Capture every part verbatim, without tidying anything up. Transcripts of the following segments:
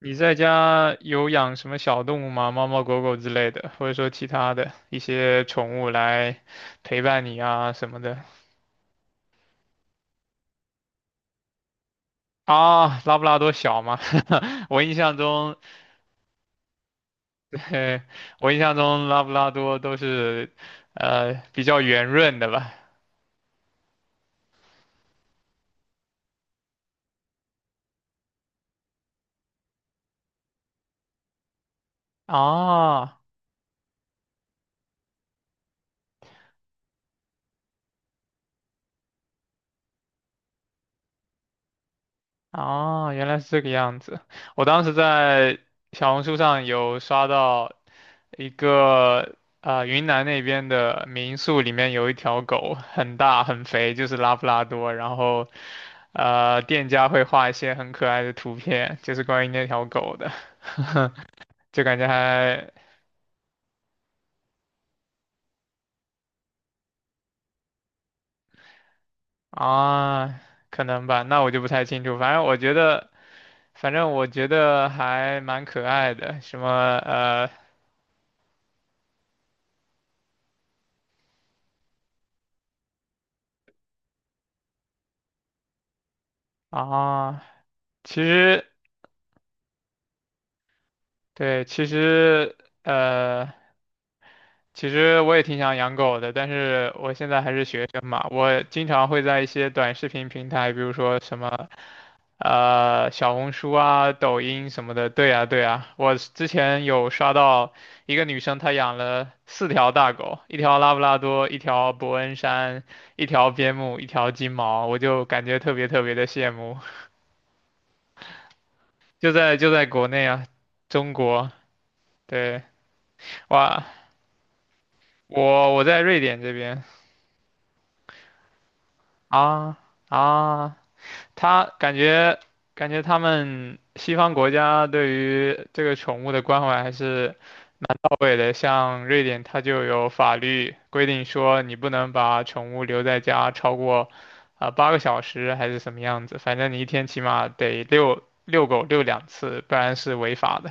你在家有养什么小动物吗？猫猫狗狗之类的，或者说其他的一些宠物来陪伴你啊什么的。啊？拉布拉多小吗？我印象中，嘿，我印象中拉布拉多都是，呃，比较圆润的吧？啊，哦，原来是这个样子。我当时在小红书上有刷到一个呃云南那边的民宿里面有一条狗，很大很肥，就是拉布拉多。然后呃，店家会画一些很可爱的图片，就是关于那条狗的。就感觉还。啊，可能吧，那我就不太清楚。反正我觉得，反正我觉得还蛮可爱的，什么呃。啊，其实，对，其实，呃，其实我也挺想养狗的，但是我现在还是学生嘛，我经常会在一些短视频平台，比如说什么，呃，小红书啊、抖音什么的。对呀，对呀，我之前有刷到一个女生，她养了四条大狗，一条拉布拉多，一条伯恩山，一条边牧，一条金毛，我就感觉特别特别的羡慕。就在就在国内啊，中国，对，哇。我我在瑞典这边。啊，啊，他感觉感觉他们西方国家对于这个宠物的关怀还是到位的，像瑞典它就有法律规定说你不能把宠物留在家超过啊八、个小时还是什么样子，反正你一天起码得遛遛狗遛两次，不然是违法的。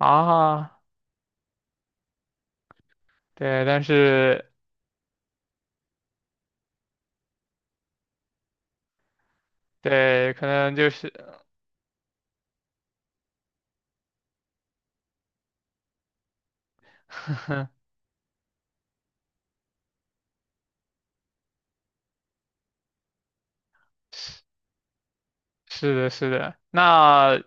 啊。对，但是对，可能就是 是的，是的。那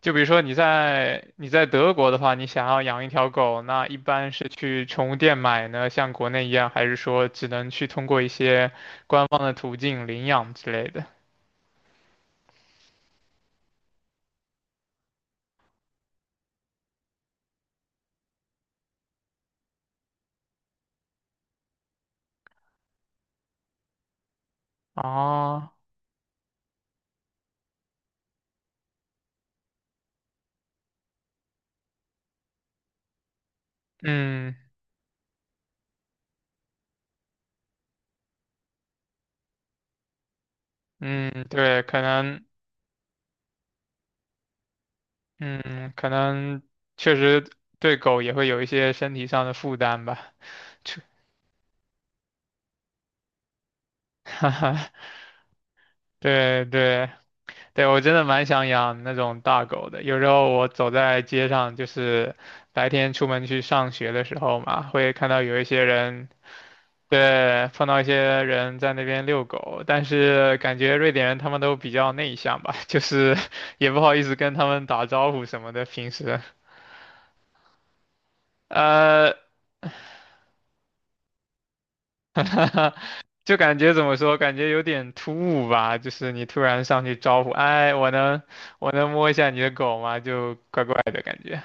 就比如说你在你在德国的话，你想要养一条狗，那一般是去宠物店买呢，像国内一样，还是说只能去通过一些官方的途径领养之类的？哦，嗯嗯，对，可能，嗯，可能确实对狗也会有一些身体上的负担吧。哈哈，对对，对，我真的蛮想养那种大狗的。有时候我走在街上，就是白天出门去上学的时候嘛，会看到有一些人，对，碰到一些人在那边遛狗。但是感觉瑞典人他们都比较内向吧，就是也不好意思跟他们打招呼什么的。平时，呃，就感觉怎么说，感觉有点突兀吧。就是你突然上去招呼，哎，我能我能摸一下你的狗吗？就怪怪的感觉。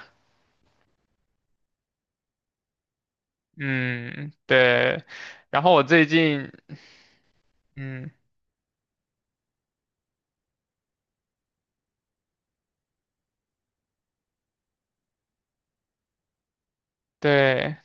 嗯，对。然后我最近，嗯，对，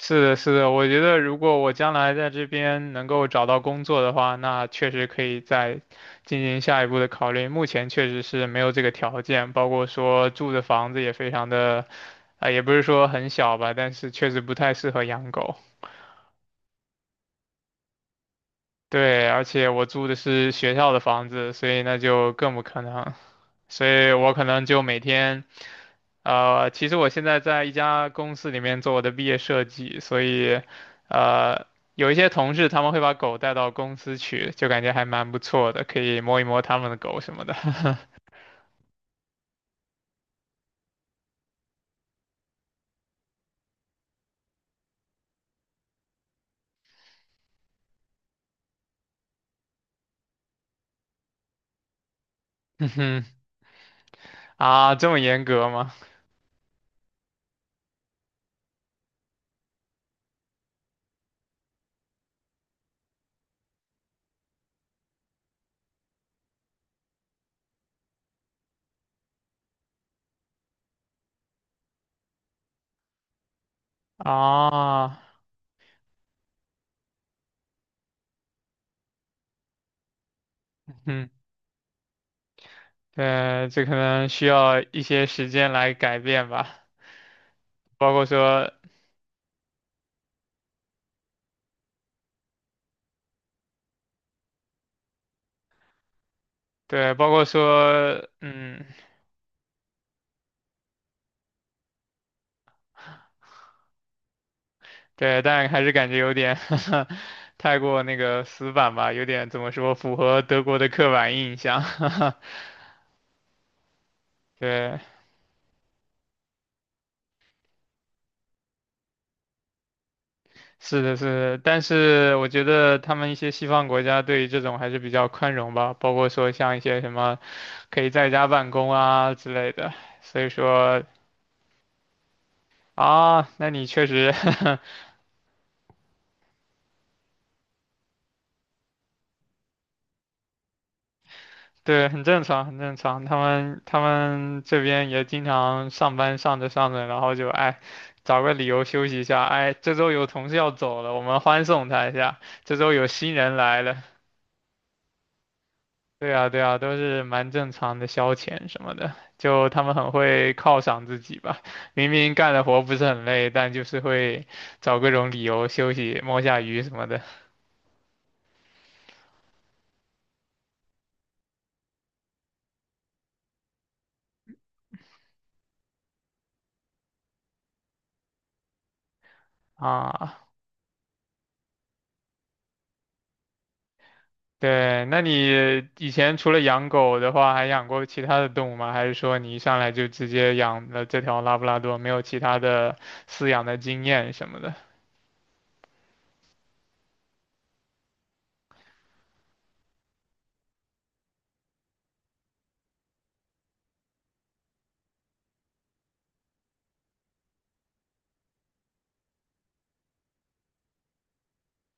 是的，是的，我觉得如果我将来在这边能够找到工作的话，那确实可以再进行下一步的考虑。目前确实是没有这个条件，包括说住的房子也非常的，啊、也不是说很小吧，但是确实不太适合养狗。对，而且我住的是学校的房子，所以那就更不可能。所以我可能就每天。呃，其实我现在在一家公司里面做我的毕业设计，所以，呃，有一些同事他们会把狗带到公司去，就感觉还蛮不错的，可以摸一摸他们的狗什么的。嗯哼。啊，这么严格吗？啊，嗯，对，这可能需要一些时间来改变吧，包括说，对，包括说，嗯。对，但还是感觉有点 太过那个死板吧，有点怎么说，符合德国的刻板印象。对，是的，是的，但是我觉得他们一些西方国家对于这种还是比较宽容吧，包括说像一些什么可以在家办公啊之类的。所以说啊，那你确实 对，很正常，很正常。他们他们这边也经常上班上着上着，然后就哎，找个理由休息一下。哎，这周有同事要走了，我们欢送他一下。这周有新人来了，对啊对啊，都是蛮正常的消遣什么的。就他们很会犒赏自己吧，明明干的活不是很累，但就是会找各种理由休息，摸下鱼什么的啊。对，那你以前除了养狗的话，还养过其他的动物吗？还是说你一上来就直接养了这条拉布拉多，没有其他的饲养的经验什么的？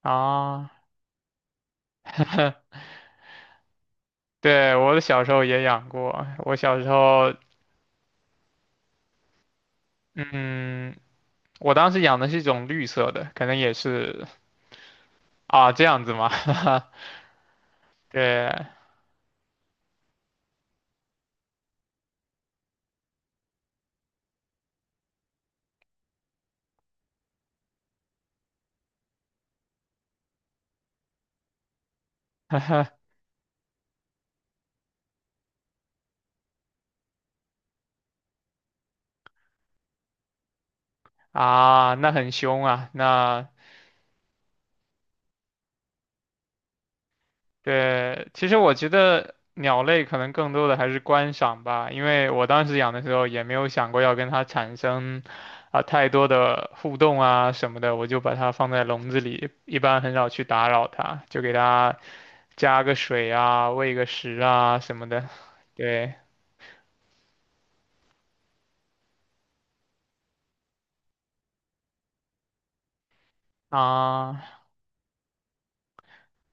啊，对，我小时候也养过，我小时候，嗯，我当时养的是一种绿色的，可能也是啊，这样子吗？对。啊，那很凶啊，那。对，其实我觉得鸟类可能更多的还是观赏吧，因为我当时养的时候也没有想过要跟它产生啊、太多的互动啊什么的，我就把它放在笼子里，一般很少去打扰它，就给它加个水啊、喂个食啊什么的。对啊，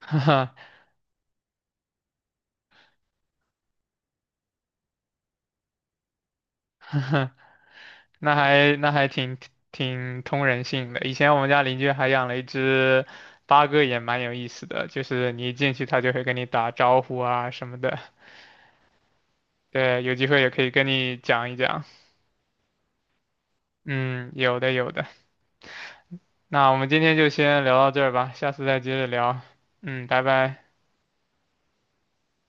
哈哈。那还那还挺挺通人性的。以前我们家邻居还养了一只八哥，也蛮有意思的，就是你一进去，它就会跟你打招呼啊什么的。对，有机会也可以跟你讲一讲。嗯，有的有的。那我们今天就先聊到这儿吧，下次再接着聊。嗯，拜拜。